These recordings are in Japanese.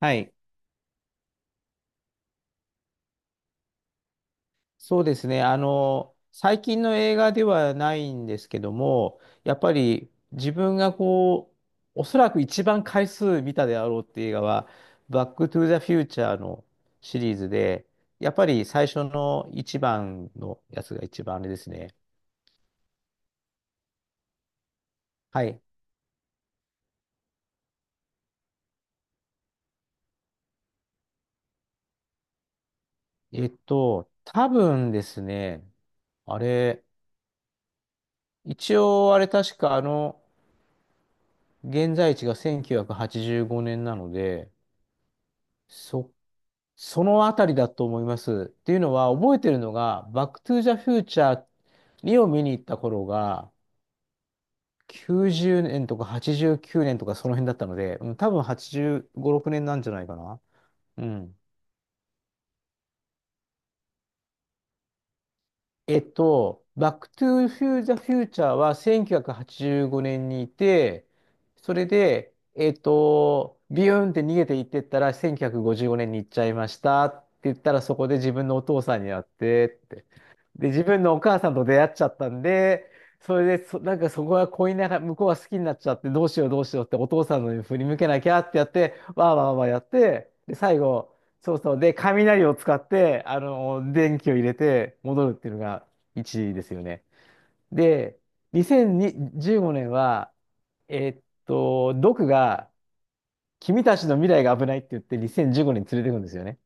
はい。そうですね。最近の映画ではないんですけども、やっぱり自分がこう、おそらく一番回数見たであろうっていう映画は、バックトゥザフューチャーのシリーズで、やっぱり最初の一番のやつが一番あれですね。はい。多分ですね、あれ、一応あれ確か現在地が1985年なので、そそのあたりだと思います。っていうのは、覚えてるのが、バックトゥーザフューチャーにを見に行った頃が、90年とか89年とかその辺だったので、うん、多分85、6年なんじゃないかな。うん。バックトゥーフューザフューチャーは1985年にいて、それで、ビューンって逃げていってったら、1955年に行っちゃいましたって言ったら、そこで自分のお父さんに会ってって。で、自分のお母さんと出会っちゃったんで、それでなんかそこが恋ながら、向こうが好きになっちゃって、どうしようどうしようってお父さんのに振り向けなきゃってやって、わーわーわーやって、で、最後、そうそう、で、雷を使って、電気を入れて戻るっていうのが1ですよね。で、2015年は、ドクが、君たちの未来が危ないって言って2015年にせんじゅうごねん連れてくんですよね。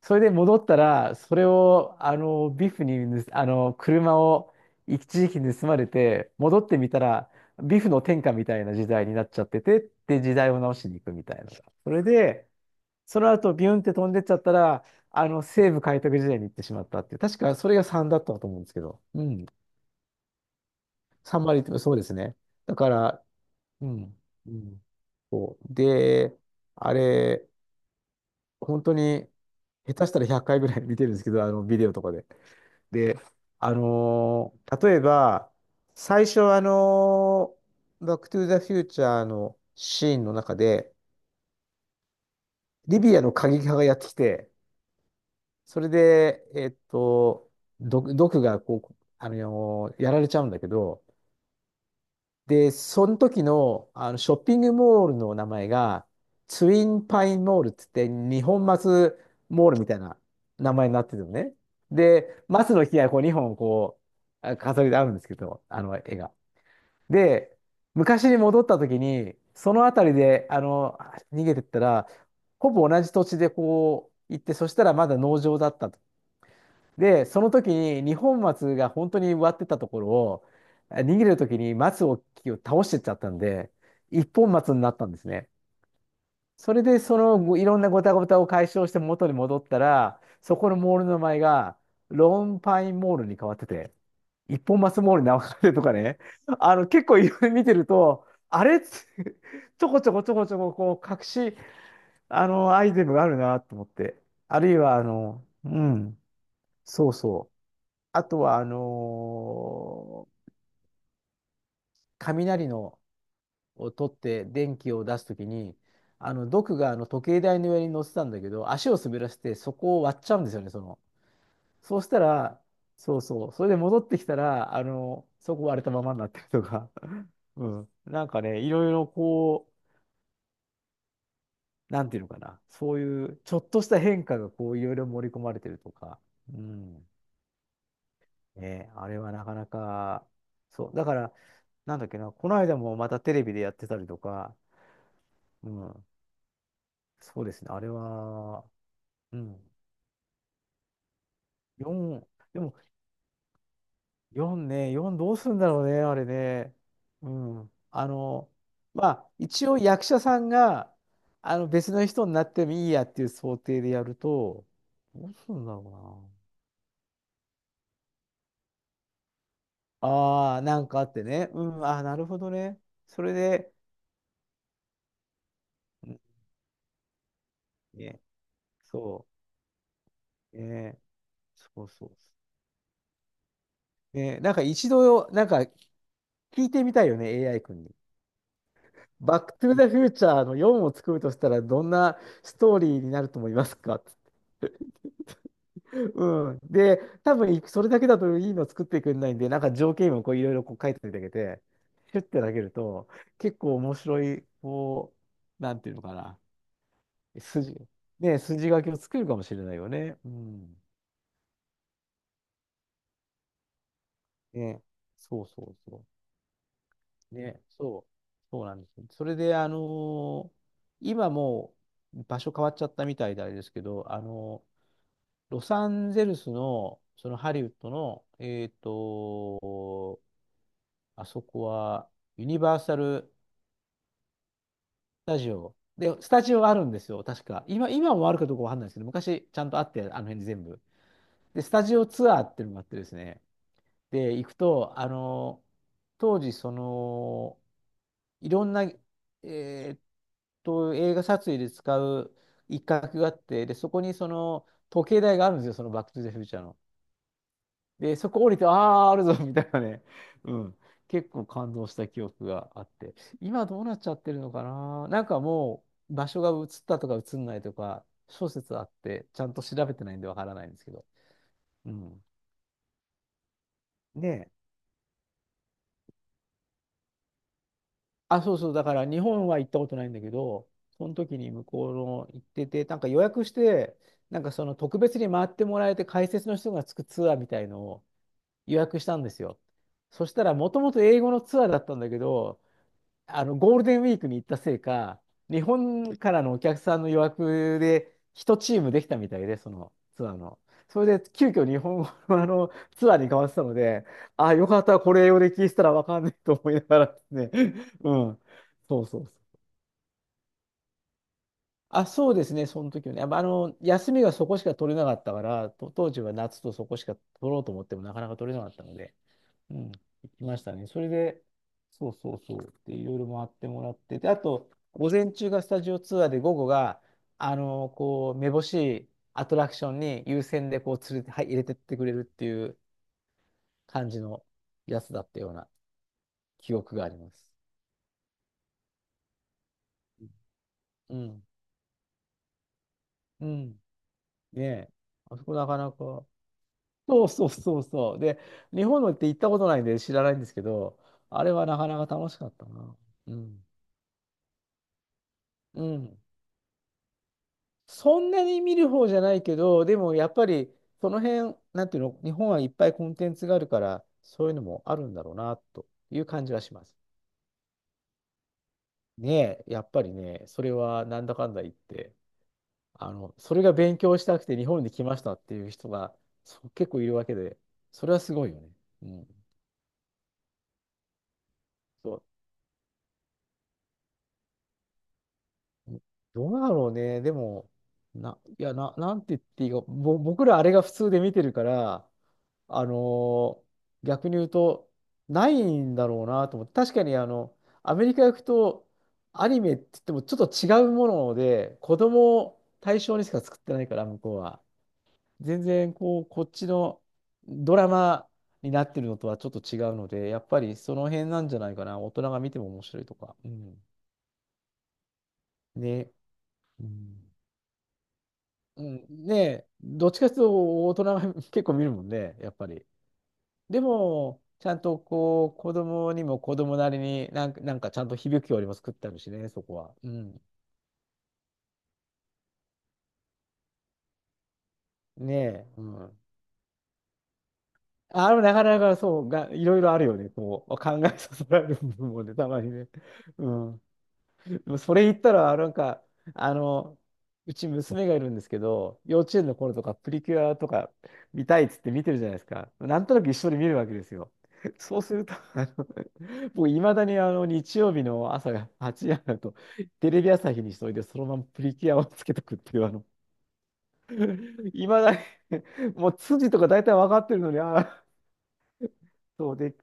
それで戻ったら、それを、ビフに盗、車を一時期盗まれて、戻ってみたら、ビフの天下みたいな時代になっちゃってて、で、時代を直しに行くみたいなそれで、その後、ビュンって飛んでっちゃったら、西部開拓時代に行ってしまったっていう、確かそれが3だったと思うんですけど、うん。3割って、そうですね。だから、うん。うん。そう。で、あれ、本当に、下手したら100回ぐらい見てるんですけど、ビデオとかで。で、例えば、最初、バックトゥーザフューチャーのシーンの中で、リビアの過激派がやってきて、それで、毒がこう、やられちゃうんだけど、で、その時の、あのショッピングモールの名前が、ツインパインモールって言って、日本松モールみたいな名前になってるのね。で、松の木がこう2本こう、飾りであるんですけど、あの絵が。で、昔に戻った時に、その辺りで、逃げてったら、ほぼ同じ土地でこう行って、そしたらまだ農場だったと。で、その時に二本松が本当に植わってたところを、逃げる時に松を木を倒してっちゃったんで、一本松になったんですね。それで、そのごいろんなごたごたを解消して元に戻ったら、そこのモールの名前が、ローンパインモールに変わってて、一本松モールに流れるとかね、結構いろいろ見てると、あれっつ ちょこちょこちょこちょこ、こう、隠し、アイテムがあるなと思って。あるいは、そうそう。あとは、雷のを取って電気を出すときに、毒があの時計台の上に乗ってたんだけど、足を滑らせてそこを割っちゃうんですよね、その。そうしたら、そうそう、それで戻ってきたら、そこ割れたままになってるとか、うん、なんかね、いろいろこう、なんていうのかな、そういうちょっとした変化がこう、いろいろ盛り込まれてるとか、うん、ね、あれはなかなか、そう、だから、なんだっけな、この間もまたテレビでやってたりとか、うん、そうですね、あれは、うん、4、でも4ね、4どうするんだろうね、あれね。うん。まあ、一応役者さんが、別の人になってもいいやっていう想定でやると、どうするんだろうな。ああ、なんかあってね。うん、ああ、なるほどね。それで、うんね、そう、ね、そうそう。ね、なんか一度、なんか聞いてみたいよね、AI 君に。バックトゥーザフューチャーの4を作るとしたら、どんなストーリーになると思いますかって うん。で、多分それだけだといいの作ってくれないんで、なんか条件をこういろいろこう書いていただけて、シュッて投げると、結構面白い、こう、なんていうのかな、筋、ね、筋書きを作るかもしれないよね。うん。ね、そうそうそう。ね、そう、そうなんですそれで、今もう場所変わっちゃったみたいであれですけど、ロサンゼルスの、そのハリウッドの、あそこはユニバーサル・スタジオ。で、スタジオあるんですよ、確か。今もあるかどうかわかんないですけど、昔ちゃんとあって、あの辺全部。で、スタジオツアーっていうのがあってですね。で、行くと、当時、その、いろんな、ーっ映画撮影で使う一角があって、で、そこにその、時計台があるんですよ、そのバック・トゥ・ザ・フューチャーので、そこ降りて、ああ、あるぞ、みたいなね。うん。結構感動した記憶があって。今どうなっちゃってるのかななんかもう、場所が移ったとか移んないとか、諸説あって、ちゃんと調べてないんでわからないんですけど。うん。で、あ、そうそう、だから日本は行ったことないんだけど、その時に向こうの行ってて、なんか予約して、なんかその特別に回ってもらえて解説の人がつくツアーみたいのを予約したんですよ。そしたら、もともと英語のツアーだったんだけど、ゴールデンウィークに行ったせいか、日本からのお客さんの予約で1チームできたみたいで、そのツアーの。それで急遽日本語のあのツアーに変わってたので、ああ、よかった、これ英語で聞いてたらわかんないと思いながらですね。うん。そうそうそう。あ、そうですね、その時はね。やっぱ休みがそこしか取れなかったから、と当時は夏とそこしか取ろうと思ってもなかなか取れなかったので。うん、行きましたね。それで、そうそうそう、で、いろいろ回ってもらってで、あと、午前中がスタジオツアーで、午後が、こう、めぼしいアトラクションに優先で、こう、連れて、はい、入れてってくれるっていう感じのやつだったような記憶があります。うん。うん。ねえ。あそこなかなか。そうそうそうそう。で、日本のって行ったことないんで知らないんですけど、あれはなかなか楽しかったな。うん。うん。そんなに見る方じゃないけど、でもやっぱりその辺、なんていうの、日本はいっぱいコンテンツがあるから、そういうのもあるんだろうな、という感じはします。ねえ、やっぱりね、それはなんだかんだ言って、あの、それが勉強したくて日本に来ましたっていう人がそう結構いるわけで、それはすごいよね。うん。そう。どうだろうね。でも、な、いや、な、なんて言っていいか、僕らあれが普通で見てるから、あのー逆に言うと、ないんだろうなと思って。確かにあの、アメリカ行くと、アニメって言ってもちょっと違うもので、子供を対象にしか作ってないから、向こうは。全然、こう、こっちのドラマになってるのとはちょっと違うので、やっぱりその辺なんじゃないかな、大人が見ても面白いとか。うん、ね。うんうん、ねえ、どっちかというと大人が 結構見るもんね、やっぱり。でも、ちゃんとこう、子供にも子供なりになんか、なんかちゃんと響きよりも作ってあるしね、そこは。うん。ねえ。うん。あのなかなかそうが、いろいろあるよね。こう、考えさせられる部分もね、たまにね。うん。でもそれ言ったら、なんか、あの、うち娘がいるんですけど、幼稚園の頃とかプリキュアとか見たいっつって見てるじゃないですか。なんとなく一緒に見るわけですよ。そうすると、あの、僕、いまだにあの日曜日の朝が8時になると、テレビ朝日にしといて、そのままプリキュアをつけとくっていう、あの、いまだにもう筋とか大体分かってるのに、ああ、そうで、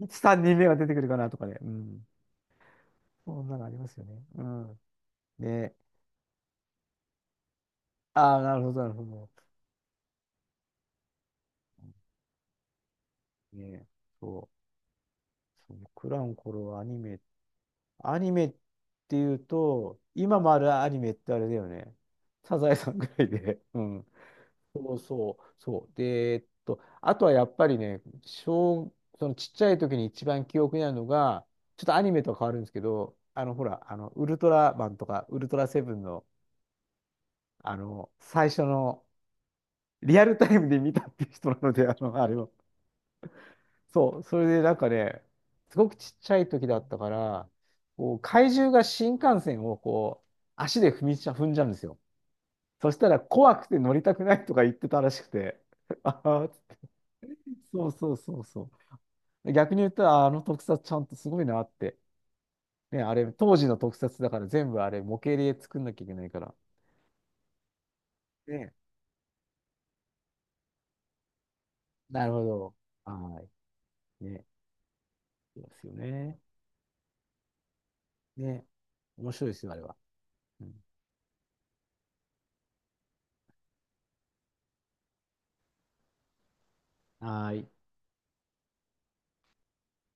いつ3人目が出てくるかなとかね。うん。そんなのありますよね。うん。ね。ああ、なるほど、なるほど。ね、そう、僕らの頃はアニメ、アニメっていうと、今もあるアニメってあれだよね。サザエさんぐらいで。うん。そうそう、そう。で、あとはやっぱりね、そのちっちゃい時に一番記憶にあるのが、ちょっとアニメとは変わるんですけど、あの、ほら、あの、ウルトラマンとか、ウルトラセブンの、あの、最初の、リアルタイムで見たっていう人なので、あの、あれを。そう、それでなんかね、すごくちっちゃい時だったから、こう怪獣が新幹線をこう足で踏んじゃうんですよ。そしたら怖くて乗りたくないとか言ってたらしくて、ああ、そうそうそうそう。逆に言ったら、あの特撮ちゃんとすごいなって。ね、あれ、当時の特撮だから全部あれ、模型で作んなきゃいけないから。ね、なるほど。はい。ね、そうですよね。ね、面白いですよ、あれは。うん、はーい。